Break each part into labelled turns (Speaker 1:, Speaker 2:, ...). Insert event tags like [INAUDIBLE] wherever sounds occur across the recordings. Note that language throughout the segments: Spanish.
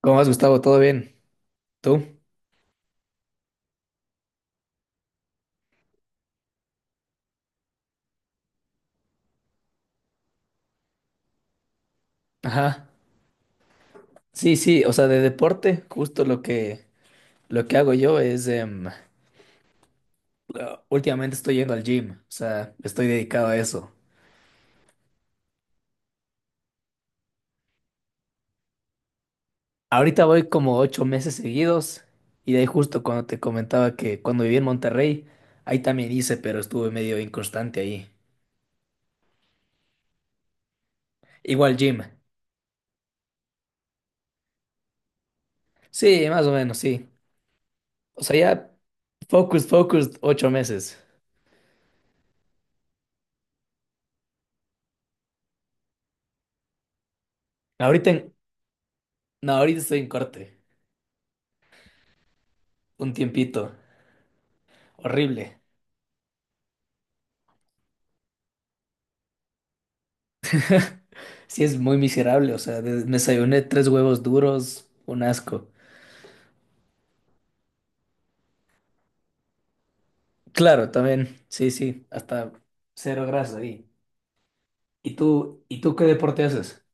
Speaker 1: ¿Cómo vas, Gustavo? ¿Todo bien? ¿Tú? Ajá. Sí, sí, o sea, de deporte, justo lo que hago yo es, últimamente estoy yendo al gym, o sea, estoy dedicado a eso. Ahorita voy como 8 meses seguidos y de ahí justo cuando te comentaba que cuando viví en Monterrey, ahí también hice, pero estuve medio inconstante ahí. Igual gym. Sí, más o menos, sí. O sea, ya focus, focus, 8 meses. Ahorita, no, ahorita estoy en corte, un tiempito, horrible. Sí, es muy miserable, o sea, me desayuné tres huevos duros, un asco. Claro, también, sí, sí, hasta cero grasa ahí. ¿Y tú qué deporte haces?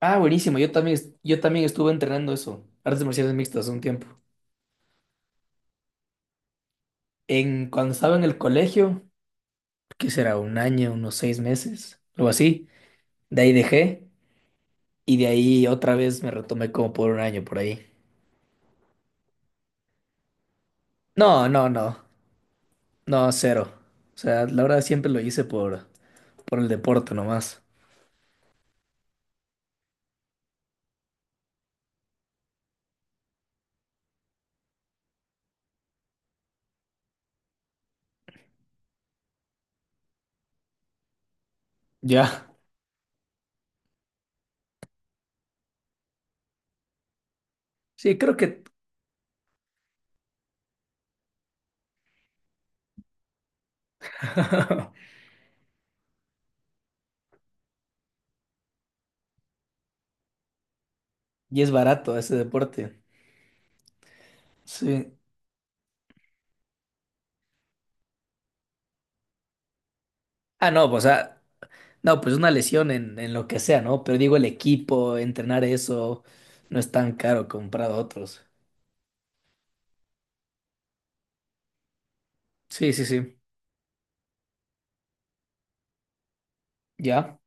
Speaker 1: Ah, buenísimo, yo también, yo también estuve entrenando eso, artes marciales mixtas un tiempo. Cuando estaba en el colegio, que será un año, unos 6 meses, algo así, de ahí dejé y de ahí otra vez me retomé como por un año por ahí. No, no, no, no, cero. O sea, la verdad siempre lo hice por el deporte nomás. Ya. Sí, creo que. [LAUGHS] Y es barato ese deporte. Sí. Ah, no, pues una lesión en lo que sea, ¿no? Pero digo, el equipo, entrenar eso, no es tan caro comparado a otros. Sí, sí, sí. Ya.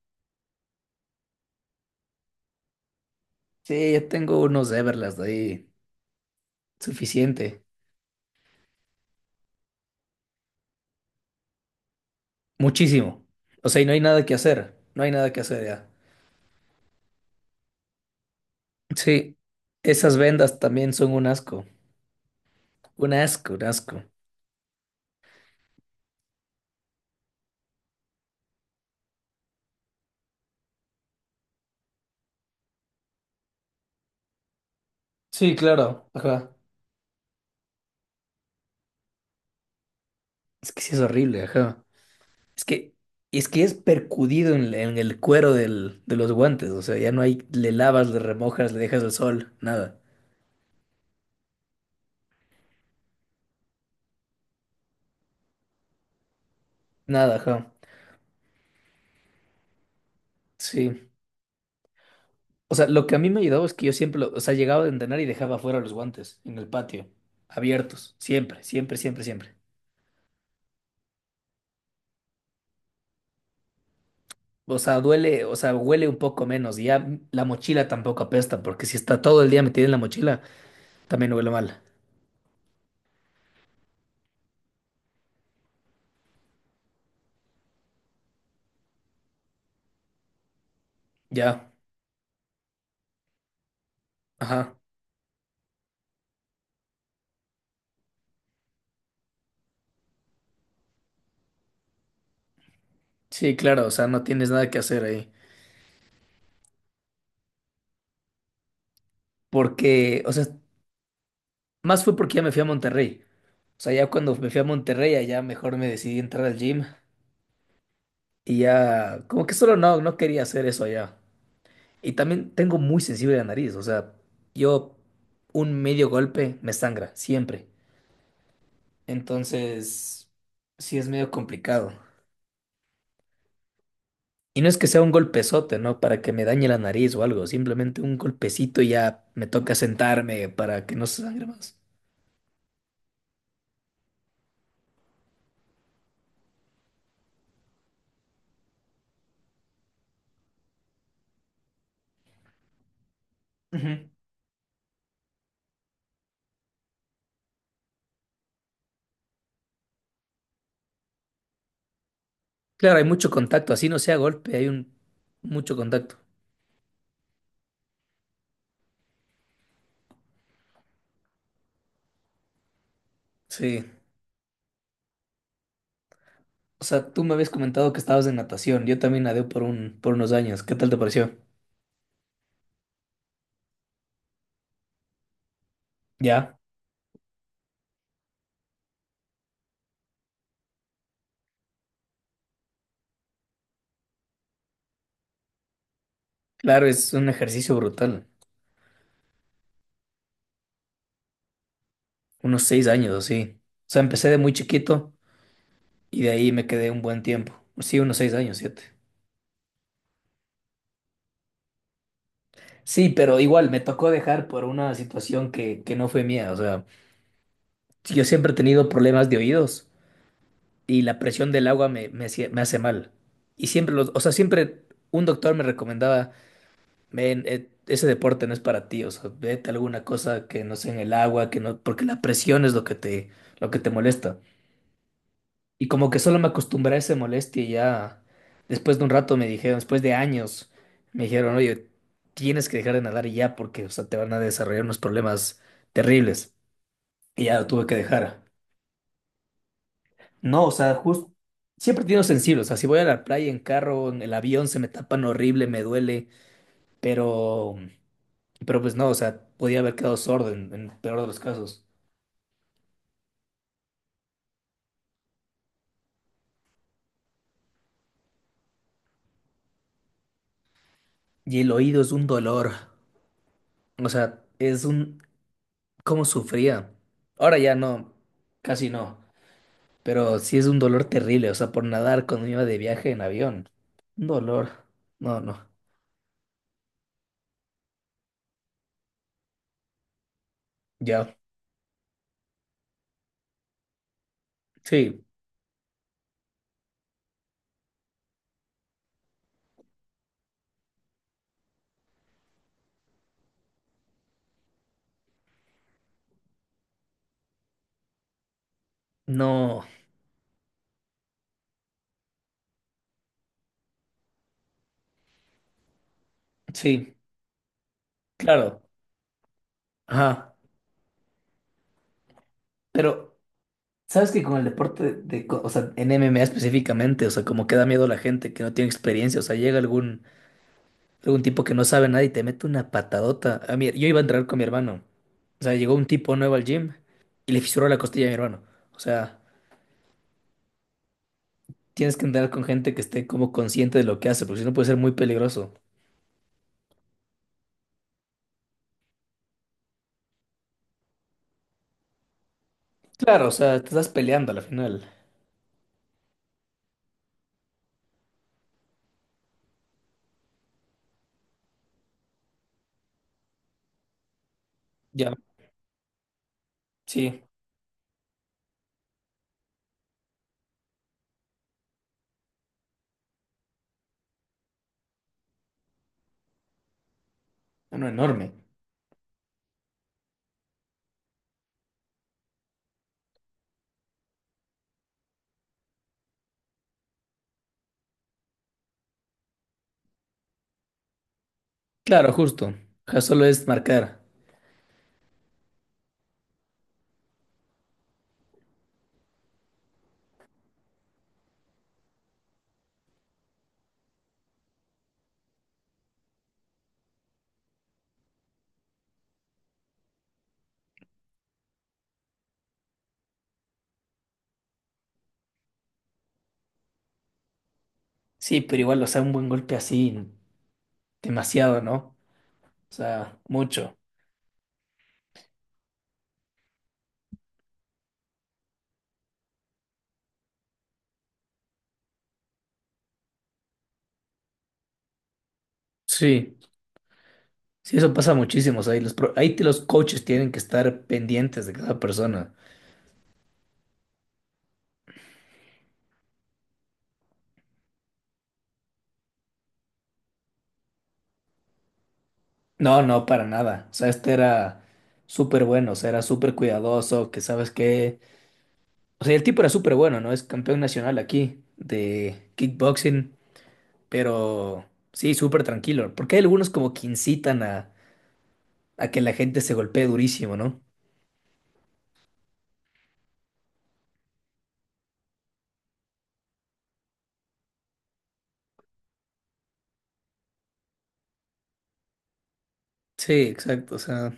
Speaker 1: Sí, yo tengo unos Everlast ahí, suficiente, muchísimo. O sea, y no hay nada que hacer, no hay nada que hacer ya. Sí, esas vendas también son un asco, un asco, un asco. Sí, claro. Ajá. Es que sí es horrible, ajá. Es que, es que es percudido en el cuero del, de los guantes, o sea, ya no hay, le lavas, le remojas, le dejas al sol, nada, nada, ajá, sí. O sea, lo que a mí me ayudaba es que yo siempre, o sea, llegaba de entrenar y dejaba fuera los guantes, en el patio, abiertos, siempre, siempre, siempre, siempre. O sea, duele, o sea, huele un poco menos, y ya la mochila tampoco apesta, porque si está todo el día metida en la mochila, también huele mal. Ya, ajá, sí, claro, o sea, no tienes nada que hacer ahí. Porque, o sea, más fue porque ya me fui a Monterrey. O sea, ya cuando me fui a Monterrey, allá mejor me decidí a entrar al gym. Y ya, como que solo no quería hacer eso allá. Y también tengo muy sensible la nariz. O sea, yo un medio golpe me sangra, siempre. Entonces, sí es medio complicado. Y no es que sea un golpezote, ¿no? Para que me dañe la nariz o algo. Simplemente un golpecito y ya me toca sentarme para que no se sangre más. Ujú. Claro, hay mucho contacto. Así no sea golpe, hay un mucho contacto. Sí. O sea, tú me habías comentado que estabas en natación. Yo también nadé por unos años. ¿Qué tal te pareció? Ya, claro, es un ejercicio brutal. Unos 6 años o sí. O sea, empecé de muy chiquito y de ahí me quedé un buen tiempo. Sí, unos 6 años, siete. Sí, pero igual me tocó dejar por una situación que no fue mía. O sea, yo siempre he tenido problemas de oídos y la presión del agua me hace mal. Y siempre o sea, siempre un doctor me recomendaba, ven, ese deporte no es para ti, o sea, vete a alguna cosa que no sea en el agua, que no, porque la presión es lo que te molesta. Y como que solo me acostumbré a esa molestia y ya después de un rato me dijeron, después de años, me dijeron, oye, tienes que dejar de nadar ya porque, o sea, te van a desarrollar unos problemas terribles. Y ya lo tuve que dejar. No, o sea, justo, siempre he tenido sensible, o sea, si voy a la playa en carro, en el avión, se me tapan horrible, me duele, pero. Pero pues no, o sea, podía haber quedado sordo en peor de los casos. Y el oído es un dolor. O sea, es un. ¿Cómo sufría? Ahora ya no, casi no. Pero sí es un dolor terrible, o sea, por nadar cuando iba de viaje en avión. Un dolor. No, no. Ya. Sí. No. Sí, claro. Ajá. Pero, ¿sabes que con el deporte o sea, en MMA específicamente, o sea, como que da miedo a la gente que no tiene experiencia, o sea, llega algún Luego un tipo que no sabe nada y te mete una patadota. A mí, yo iba a entrar con mi hermano. O sea, llegó un tipo nuevo al gym y le fisuró la costilla a mi hermano. O sea, tienes que entrar con gente que esté como consciente de lo que hace, porque si no puede ser muy peligroso. Claro, o sea, te estás peleando a la final. Ya, sí, no enorme. Claro, justo. Ya solo es marcar. Sí, pero igual, o sea, un buen golpe así, demasiado, ¿no? O sea, mucho. Sí, sí, eso pasa muchísimo. O sea, y los, ahí los coaches tienen que estar pendientes de cada persona. No, no, para nada. O sea, este era súper bueno, o sea, era súper cuidadoso, que sabes qué, o sea, el tipo era súper bueno, ¿no? Es campeón nacional aquí de kickboxing, pero sí, súper tranquilo. Porque hay algunos como que incitan a, que la gente se golpee durísimo, ¿no? Sí, exacto. O sea,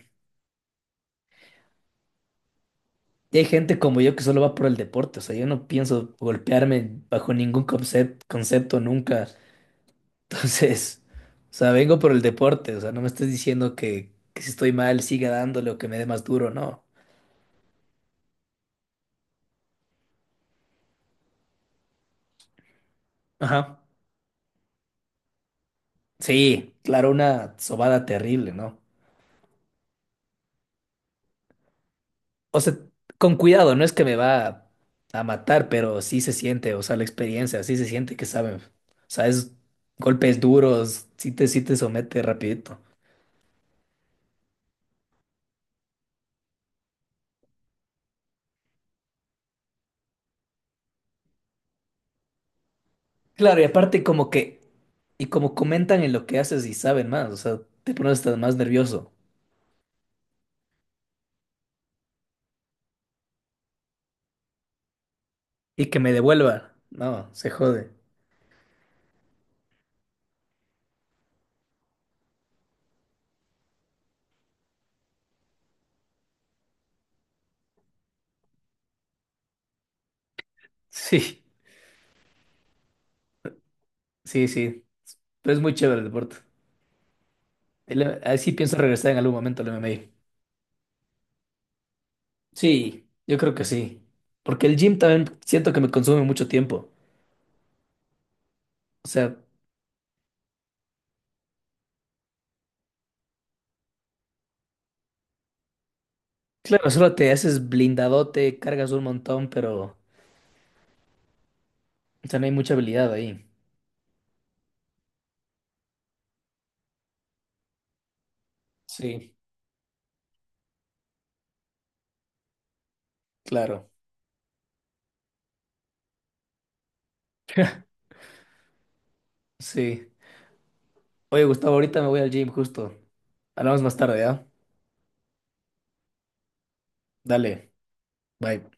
Speaker 1: y hay gente como yo que solo va por el deporte. O sea, yo no pienso golpearme bajo ningún concepto nunca. Entonces, o sea, vengo por el deporte, o sea, no me estés diciendo que si estoy mal siga dándole o que me dé más duro, no. Ajá. Sí, claro, una sobada terrible, ¿no? O sea, con cuidado, no es que me va a matar, pero sí se siente, o sea, la experiencia, sí se siente que saben. O sea, es golpes duros, sí te somete rapidito. Claro, y aparte como que, y como comentan en lo que haces y saben más, o sea, te pones hasta más nervioso. Y que me devuelva, no, se jode. Sí, sí, sí. Pero es muy chévere el deporte. A ver si pienso regresar en algún momento al MMA. Sí, yo creo que sí. Porque el gym también siento que me consume mucho tiempo. O sea, claro, solo te haces blindadote, cargas un montón, pero o sea, no hay mucha habilidad ahí. Sí, claro. [LAUGHS] Sí. Oye, Gustavo, ahorita me voy al gym justo. Hablamos más tarde, ¿ya? Dale, bye.